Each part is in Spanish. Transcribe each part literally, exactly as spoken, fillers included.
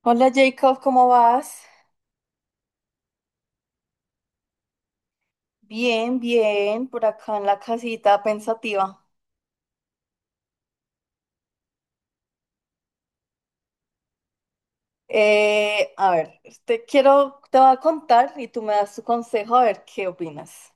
Hola Jacob, ¿cómo vas? Bien, bien, por acá en la casita pensativa. Eh, a ver, te quiero, te voy a contar y tú me das tu consejo a ver qué opinas.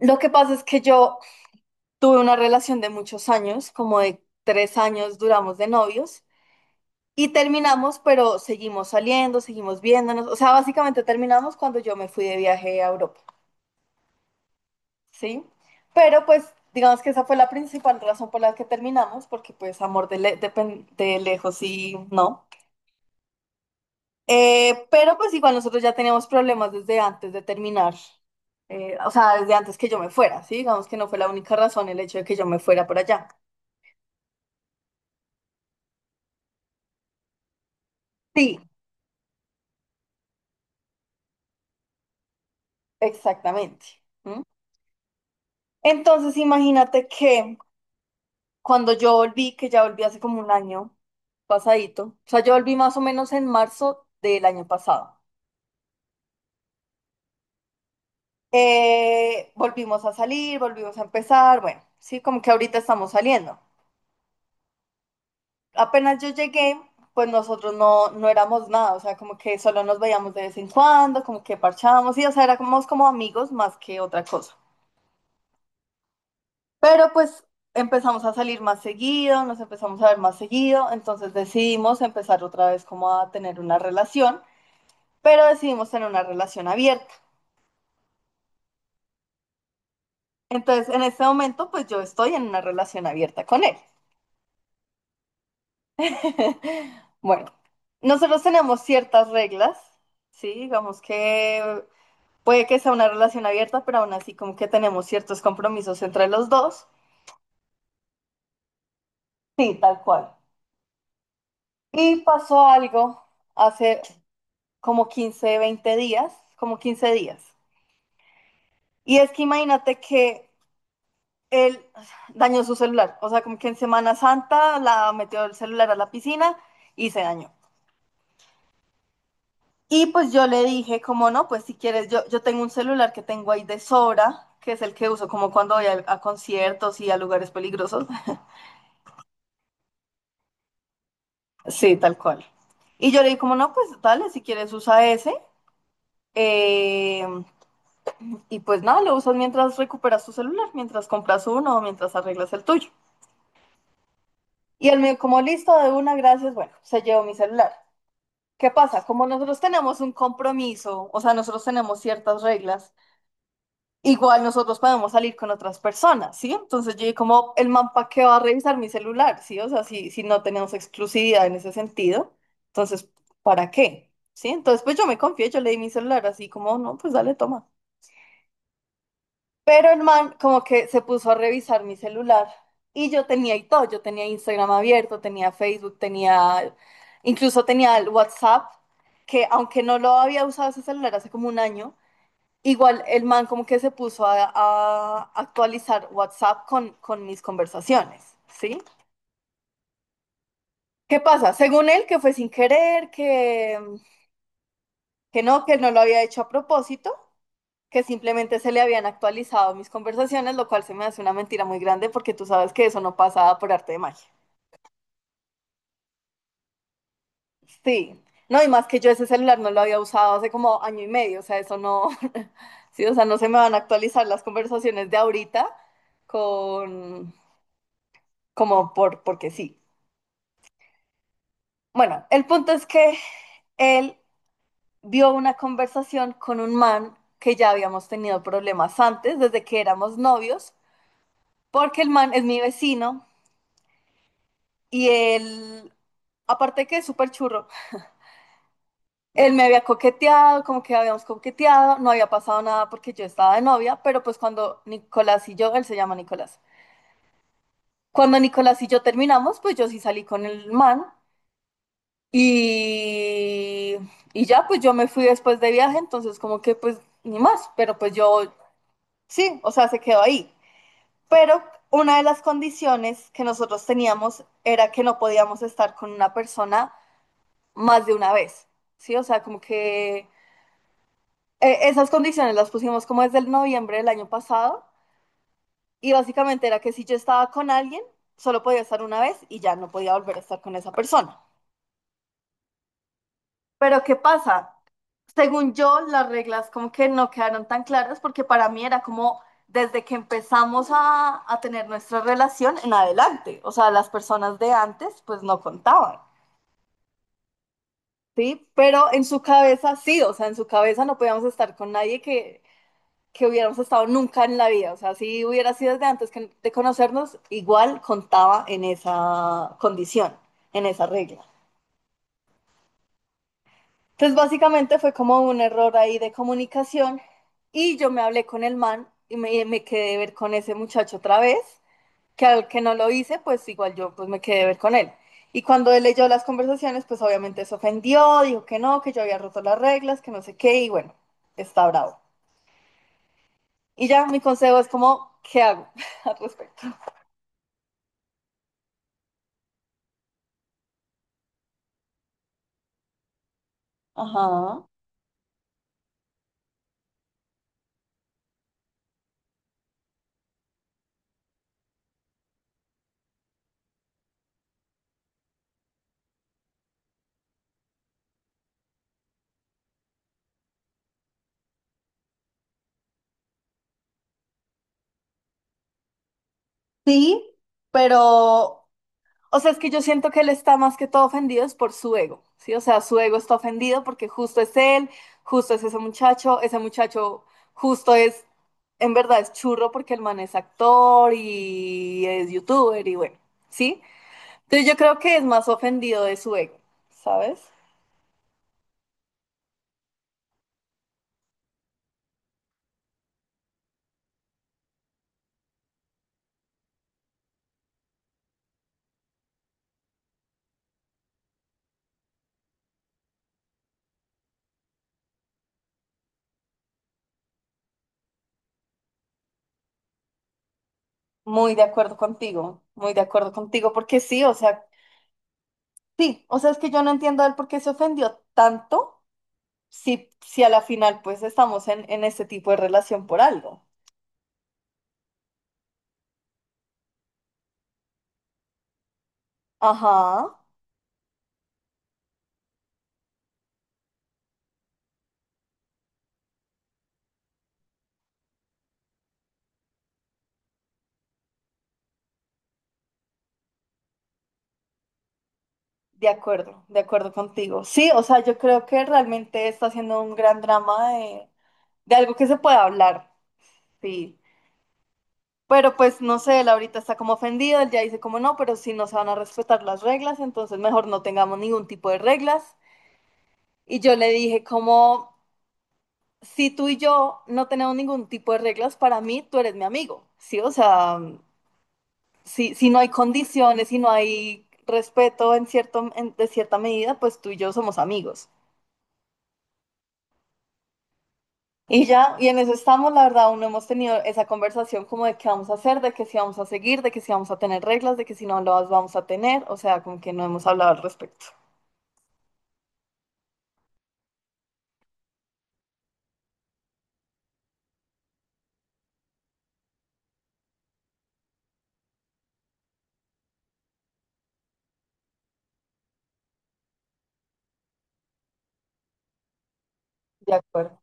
Lo que pasa es que yo tuve una relación de muchos años, como de tres años duramos de novios y terminamos, pero seguimos saliendo, seguimos viéndonos. O sea, básicamente terminamos cuando yo me fui de viaje a Europa. ¿Sí? Pero pues digamos que esa fue la principal razón por la que terminamos, porque pues amor de, le- de pen- de lejos sí, no. Eh, pero pues igual nosotros ya teníamos problemas desde antes de terminar. Eh, o sea, desde antes que yo me fuera, ¿sí? Digamos que no fue la única razón el hecho de que yo me fuera por allá. Sí, exactamente. ¿Mm? Entonces imagínate que cuando yo volví, que ya volví hace como un año pasadito, o sea, yo volví más o menos en marzo del año pasado. Eh, volvimos a salir, volvimos a empezar, bueno, sí, como que ahorita estamos saliendo. Apenas yo llegué, pues nosotros no, no éramos nada, o sea, como que solo nos veíamos de vez en cuando, como que parchábamos, y o sea, éramos como amigos más que otra cosa. Pero pues empezamos a salir más seguido, nos empezamos a ver más seguido, entonces decidimos empezar otra vez como a tener una relación, pero decidimos tener una relación abierta. Entonces, en este momento, pues yo estoy en una relación abierta con él. Bueno, nosotros tenemos ciertas reglas, ¿sí? Digamos que puede que sea una relación abierta, pero aún así como que tenemos ciertos compromisos entre los dos. Sí, tal cual. Y pasó algo hace como quince, veinte días, como quince días. Y es que imagínate que él dañó su celular, o sea, como que en Semana Santa la metió el celular a la piscina y se dañó. Y pues yo le dije, como no, pues si quieres, yo, yo tengo un celular que tengo ahí de sobra, que es el que uso como cuando voy a, a conciertos y a lugares peligrosos. Sí, tal cual. Y yo le dije, como no, pues dale, si quieres usa ese. eh, y pues nada, lo usas mientras recuperas tu celular, mientras compras uno o mientras arreglas el tuyo. Y él me dijo, como listo, de una, gracias, bueno, se llevó mi celular. ¿Qué pasa? Como nosotros tenemos un compromiso, o sea, nosotros tenemos ciertas reglas. Igual nosotros podemos salir con otras personas, ¿sí? Entonces yo dije como, el man para qué va a revisar mi celular, ¿sí? O sea, si, si no tenemos exclusividad en ese sentido, entonces, ¿para qué? ¿Sí? Entonces, pues yo me confié, yo le di mi celular así como, no, pues dale, toma. Pero el man como que se puso a revisar mi celular y yo tenía y todo, yo tenía Instagram abierto, tenía Facebook, tenía, incluso tenía el WhatsApp, que aunque no lo había usado ese celular hace como un año, igual el man como que se puso a, a actualizar WhatsApp con, con mis conversaciones, ¿sí? ¿Qué pasa? Según él, que fue sin querer, que, que no, que él no lo había hecho a propósito, que simplemente se le habían actualizado mis conversaciones, lo cual se me hace una mentira muy grande porque tú sabes que eso no pasa por arte de magia. Sí, no, y más que yo ese celular no lo había usado hace como año y medio, o sea, eso no. Sí, o sea, no se me van a actualizar las conversaciones de ahorita con, como por, porque sí. Bueno, el punto es que él vio una conversación con un man que ya habíamos tenido problemas antes, desde que éramos novios, porque el man es mi vecino y él, aparte de que es súper churro, él me había coqueteado, como que habíamos coqueteado, no había pasado nada porque yo estaba de novia, pero pues cuando Nicolás y yo, él se llama Nicolás, cuando Nicolás y yo terminamos, pues yo sí salí con el man. Y, y ya, pues yo me fui después de viaje, entonces como que pues ni más, pero pues yo sí, o sea, se quedó ahí. Pero una de las condiciones que nosotros teníamos era que no podíamos estar con una persona más de una vez, ¿sí? O sea, como que eh, esas condiciones las pusimos como desde el noviembre del año pasado y básicamente era que si yo estaba con alguien, solo podía estar una vez y ya no podía volver a estar con esa persona. Pero ¿qué pasa? Según yo, las reglas como que no quedaron tan claras porque para mí era como desde que empezamos a, a tener nuestra relación en adelante, o sea, las personas de antes pues no contaban, ¿sí? Pero en su cabeza sí, o sea, en su cabeza no podíamos estar con nadie que que hubiéramos estado nunca en la vida, o sea, si hubiera sido desde antes que- de conocernos, igual contaba en esa condición, en esa regla. Entonces, básicamente fue como un error ahí de comunicación y yo me hablé con el man y me, me quedé de ver con ese muchacho otra vez, que al que no lo hice, pues igual yo pues me quedé de ver con él. Y cuando él leyó las conversaciones, pues obviamente se ofendió, dijo que no, que yo había roto las reglas, que no sé qué, y bueno, está bravo. Y ya mi consejo es como, ¿qué hago al respecto? Ajá. Sí, pero o sea, es que yo siento que él está más que todo ofendido es por su ego, ¿sí? O sea, su ego está ofendido porque justo es él, justo es ese muchacho, ese muchacho justo es, en verdad es churro porque el man es actor y es youtuber y bueno, ¿sí? Entonces yo creo que es más ofendido de su ego, ¿sabes? Muy de acuerdo contigo, muy de acuerdo contigo porque sí, o sea, sí, o sea, es que yo no entiendo a él por qué se ofendió tanto si, si a la final pues estamos en, en este tipo de relación por algo. Ajá, de acuerdo, de acuerdo contigo. Sí, o sea, yo creo que realmente está haciendo un gran drama de, de algo que se puede hablar, sí. Pero pues no sé, él ahorita está como ofendido, él ya dice como no, pero si no se van a respetar las reglas, entonces mejor no tengamos ningún tipo de reglas. Y yo le dije como, si tú y yo no tenemos ningún tipo de reglas, para mí tú eres mi amigo, sí, o sea, mm, si, si no hay condiciones, si no hay respeto en cierto, en- de cierta medida, pues tú y yo somos amigos. Y ya, y en eso estamos, la verdad, aún no hemos tenido esa conversación como de qué vamos a hacer, de que si vamos a seguir, de que si vamos a tener reglas, de que si no las vamos a tener, o sea, como que no hemos hablado al respecto. De acuerdo.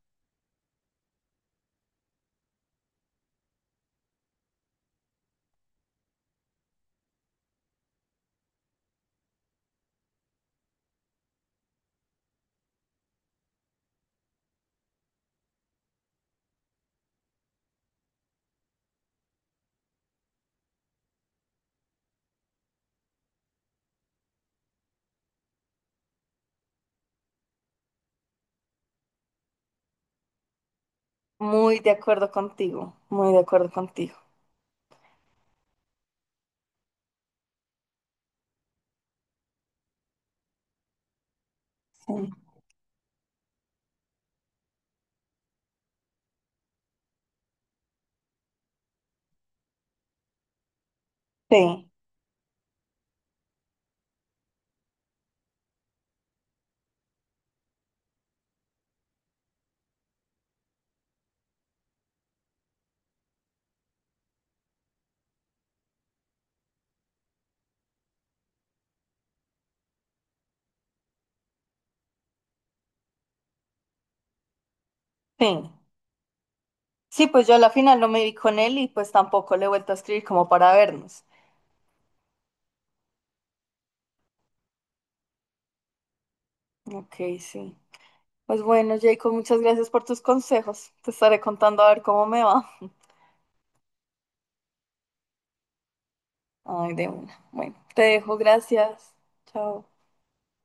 Muy de acuerdo contigo, muy de acuerdo contigo. Sí, sí. Sí, Sí, pues yo a la final no me vi con él y pues tampoco le he vuelto a escribir como para vernos. Ok, sí. Pues bueno, Jacob, muchas gracias por tus consejos. Te estaré contando a ver cómo me va. Ay, de una. Bueno, te dejo, gracias. Chao.